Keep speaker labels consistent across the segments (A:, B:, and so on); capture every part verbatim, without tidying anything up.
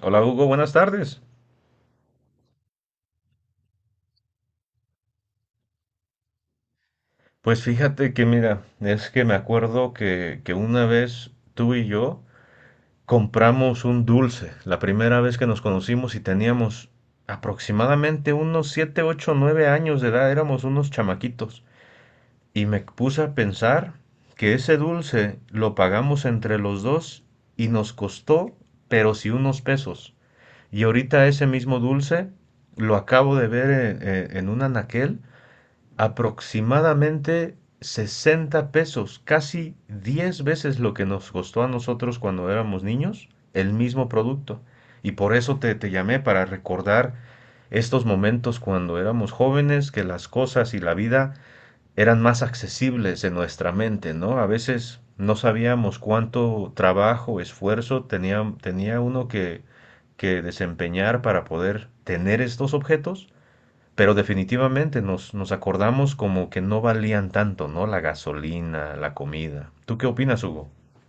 A: Hola Hugo, buenas tardes. Pues fíjate que mira, es que me acuerdo que, que una vez tú y yo compramos un dulce, la primera vez que nos conocimos y teníamos aproximadamente unos siete, ocho, nueve años de edad, éramos unos chamaquitos. Y me puse a pensar que ese dulce lo pagamos entre los dos y nos costó, pero sí unos pesos. Y ahorita ese mismo dulce lo acabo de ver en, en en un anaquel aproximadamente sesenta pesos, casi diez veces lo que nos costó a nosotros cuando éramos niños, el mismo producto. Y por eso te, te llamé para recordar estos momentos cuando éramos jóvenes, que las cosas y la vida eran más accesibles en nuestra mente, ¿no? A veces no sabíamos cuánto trabajo, esfuerzo tenía, tenía uno que, que desempeñar para poder tener estos objetos, pero definitivamente nos, nos acordamos como que no valían tanto, ¿no? La gasolina, la comida. ¿Tú qué opinas, Hugo?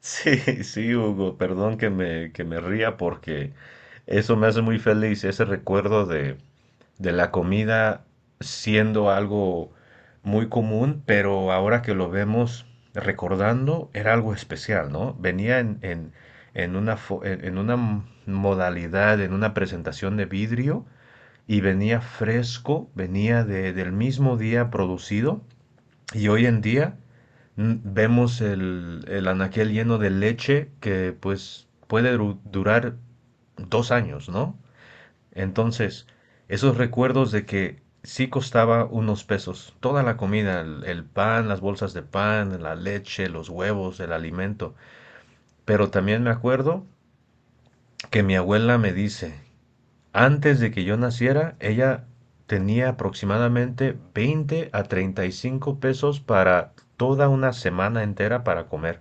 A: Sí, sí, Hugo, perdón que me, que me ría porque eso me hace muy feliz, ese recuerdo de, de la comida siendo algo muy común, pero ahora que lo vemos recordando, era algo especial, ¿no? Venía en, en, en una, fo- en en una modalidad, en una presentación de vidrio, y venía fresco, venía de- del mismo día producido. Y hoy en día mm, vemos el, el anaquel lleno de leche que pues puede du- durar dos años, ¿no? Entonces, esos recuerdos de que sí costaba unos pesos, toda la comida, el, el pan, las bolsas de pan, la leche, los huevos, el alimento. Pero también me acuerdo que mi abuela me dice, antes de que yo naciera, ella tenía aproximadamente veinte a treinta y cinco pesos para toda una semana entera para comer.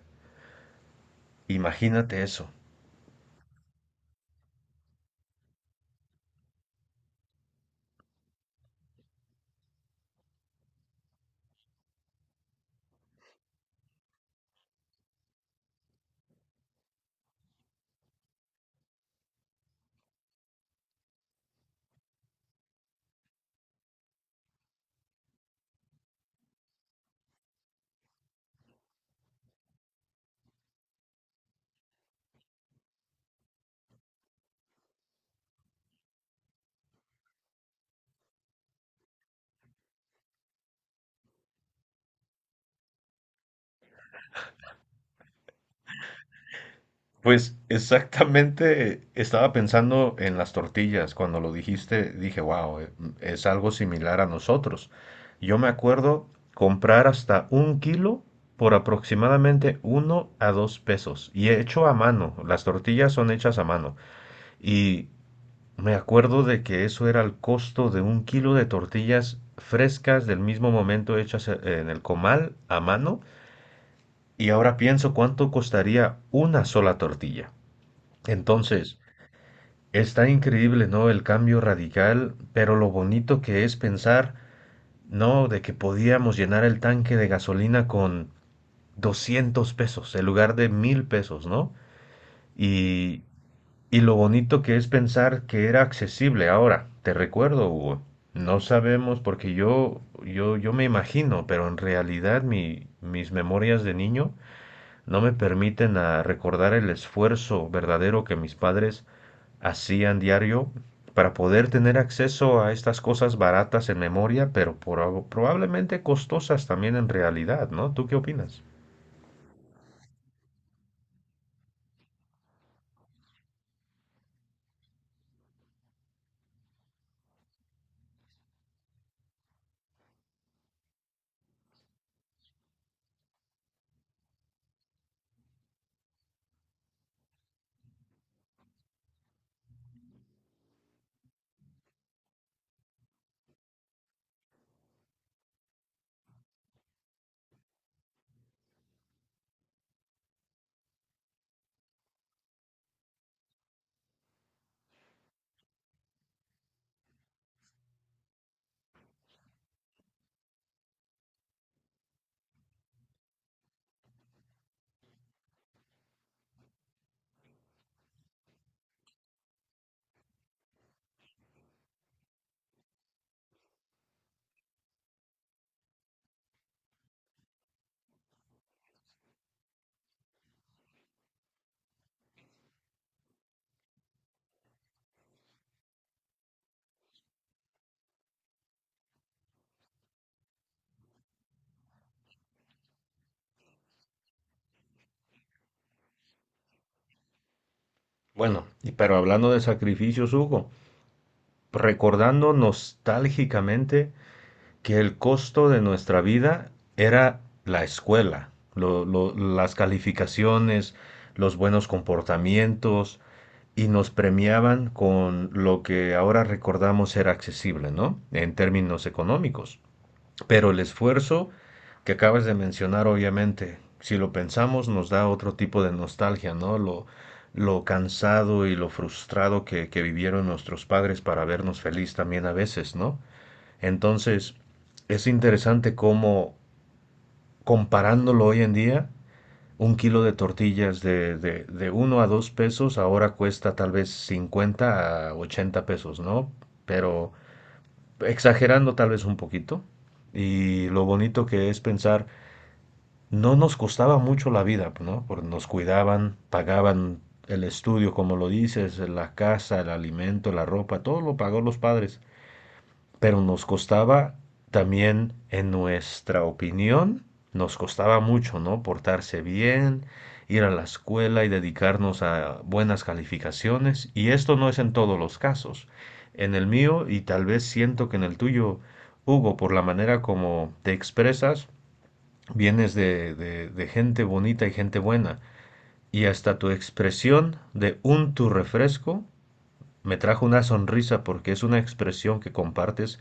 A: Imagínate eso. Pues exactamente estaba pensando en las tortillas. Cuando lo dijiste, dije, wow, es algo similar a nosotros. Yo me acuerdo comprar hasta un kilo por aproximadamente uno a dos pesos y hecho a mano. Las tortillas son hechas a mano, y me acuerdo de que eso era el costo de un kilo de tortillas frescas del mismo momento hechas e- en el comal a mano, y ahora pienso cuánto costaría una sola tortilla. Entonces, está increíble, ¿no? El cambio radical, pero lo bonito que es pensar, ¿no? De que podíamos llenar el tanque de gasolina con doscientos pesos en lugar de mil pesos, ¿no? Y Y lo bonito que es pensar que era accesible. Ahora, te recuerdo, Hugo, no sabemos porque yo, yo, yo me imagino, pero en realidad mi, mis memorias de niño no me permiten a recordar el esfuerzo verdadero que mis padres hacían diario para poder tener acceso a estas cosas baratas en memoria, pero por probablemente costosas también en realidad, ¿no? ¿Tú qué opinas? Bueno, y pero hablando de sacrificios, Hugo, recordando nostálgicamente que el costo de nuestra vida era la escuela, lo- lo- las calificaciones, los buenos comportamientos, y nos premiaban con lo que ahora recordamos ser accesible, ¿no? En términos económicos. Pero el esfuerzo que acabas de mencionar, obviamente, si lo pensamos, nos da otro tipo de nostalgia, ¿no? Lo, lo cansado y lo frustrado que, que vivieron nuestros padres para vernos feliz también a veces, ¿no? Entonces, es interesante cómo, comparándolo hoy en día, un kilo de tortillas de, de, de uno a dos pesos ahora cuesta tal vez cincuenta a ochenta pesos, ¿no? Pero exagerando tal vez un poquito. Y lo bonito que es pensar, no nos costaba mucho la vida, ¿no? Porque nos cuidaban, pagaban el estudio, como lo dices, la casa, el alimento, la ropa, todo lo pagó los padres. Pero nos costaba también, en nuestra opinión, nos costaba mucho, ¿no? Portarse bien, ir a la escuela y dedicarnos a buenas calificaciones. Y esto no es en todos los casos. En el mío, y tal vez siento que en el tuyo, Hugo, por la manera como te expresas, vienes de, de, de gente bonita y gente buena. Y hasta tu expresión de un tu refresco me trajo una sonrisa porque es una expresión que compartes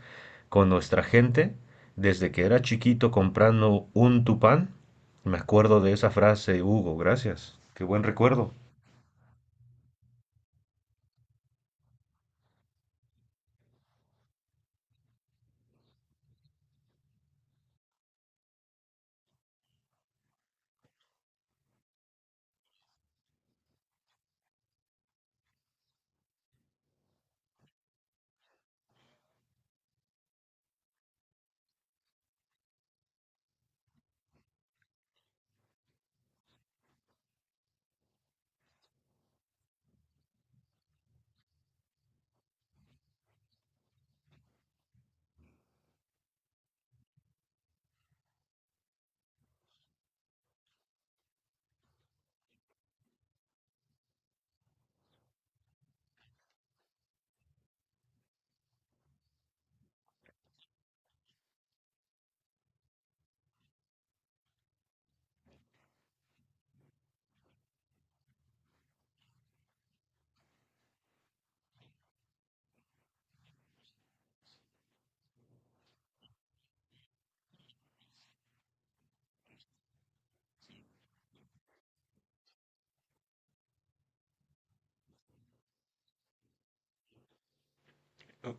A: con nuestra gente. Desde que era chiquito comprando un tupán, me acuerdo de esa frase, Hugo, gracias. Qué buen recuerdo.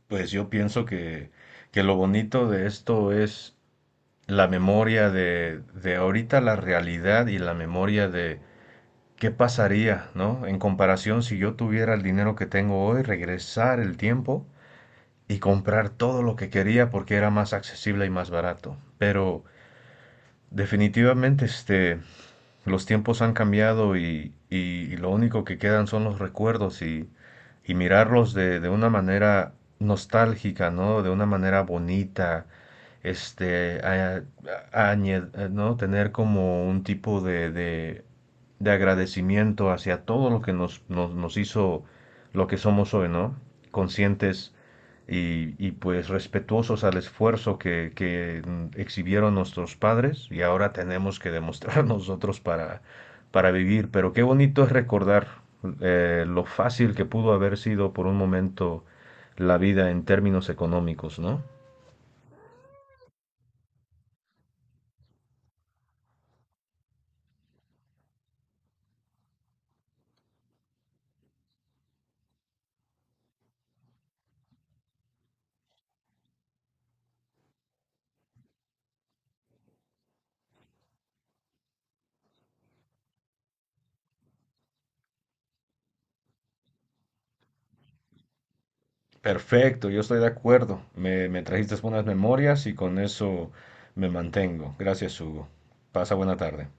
A: Pues yo pienso que, que lo bonito de esto es la memoria de, de ahorita, la realidad y la memoria de qué pasaría, ¿no? En comparación, si yo tuviera el dinero que tengo hoy, regresar el tiempo y comprar todo lo que quería porque era más accesible y más barato. Pero definitivamente este, los tiempos han cambiado, y, y- y lo único que quedan son los recuerdos, y, y mirarlos de, de una manera nostálgica, ¿no? De una manera bonita, este, a- a- añe- eh, ¿no? Tener como un tipo de, de, de agradecimiento hacia todo lo que nos, nos, nos hizo lo que somos hoy, ¿no? Conscientes y, y, pues respetuosos al esfuerzo que, que, exhibieron nuestros padres, y ahora tenemos que demostrar nosotros para, para vivir. Pero qué bonito es recordar eh, lo fácil que pudo haber sido por un momento la vida en términos económicos, ¿no? Perfecto, yo estoy de acuerdo. Me, me trajiste buenas memorias y con eso me mantengo. Gracias, Hugo. Pasa buena tarde.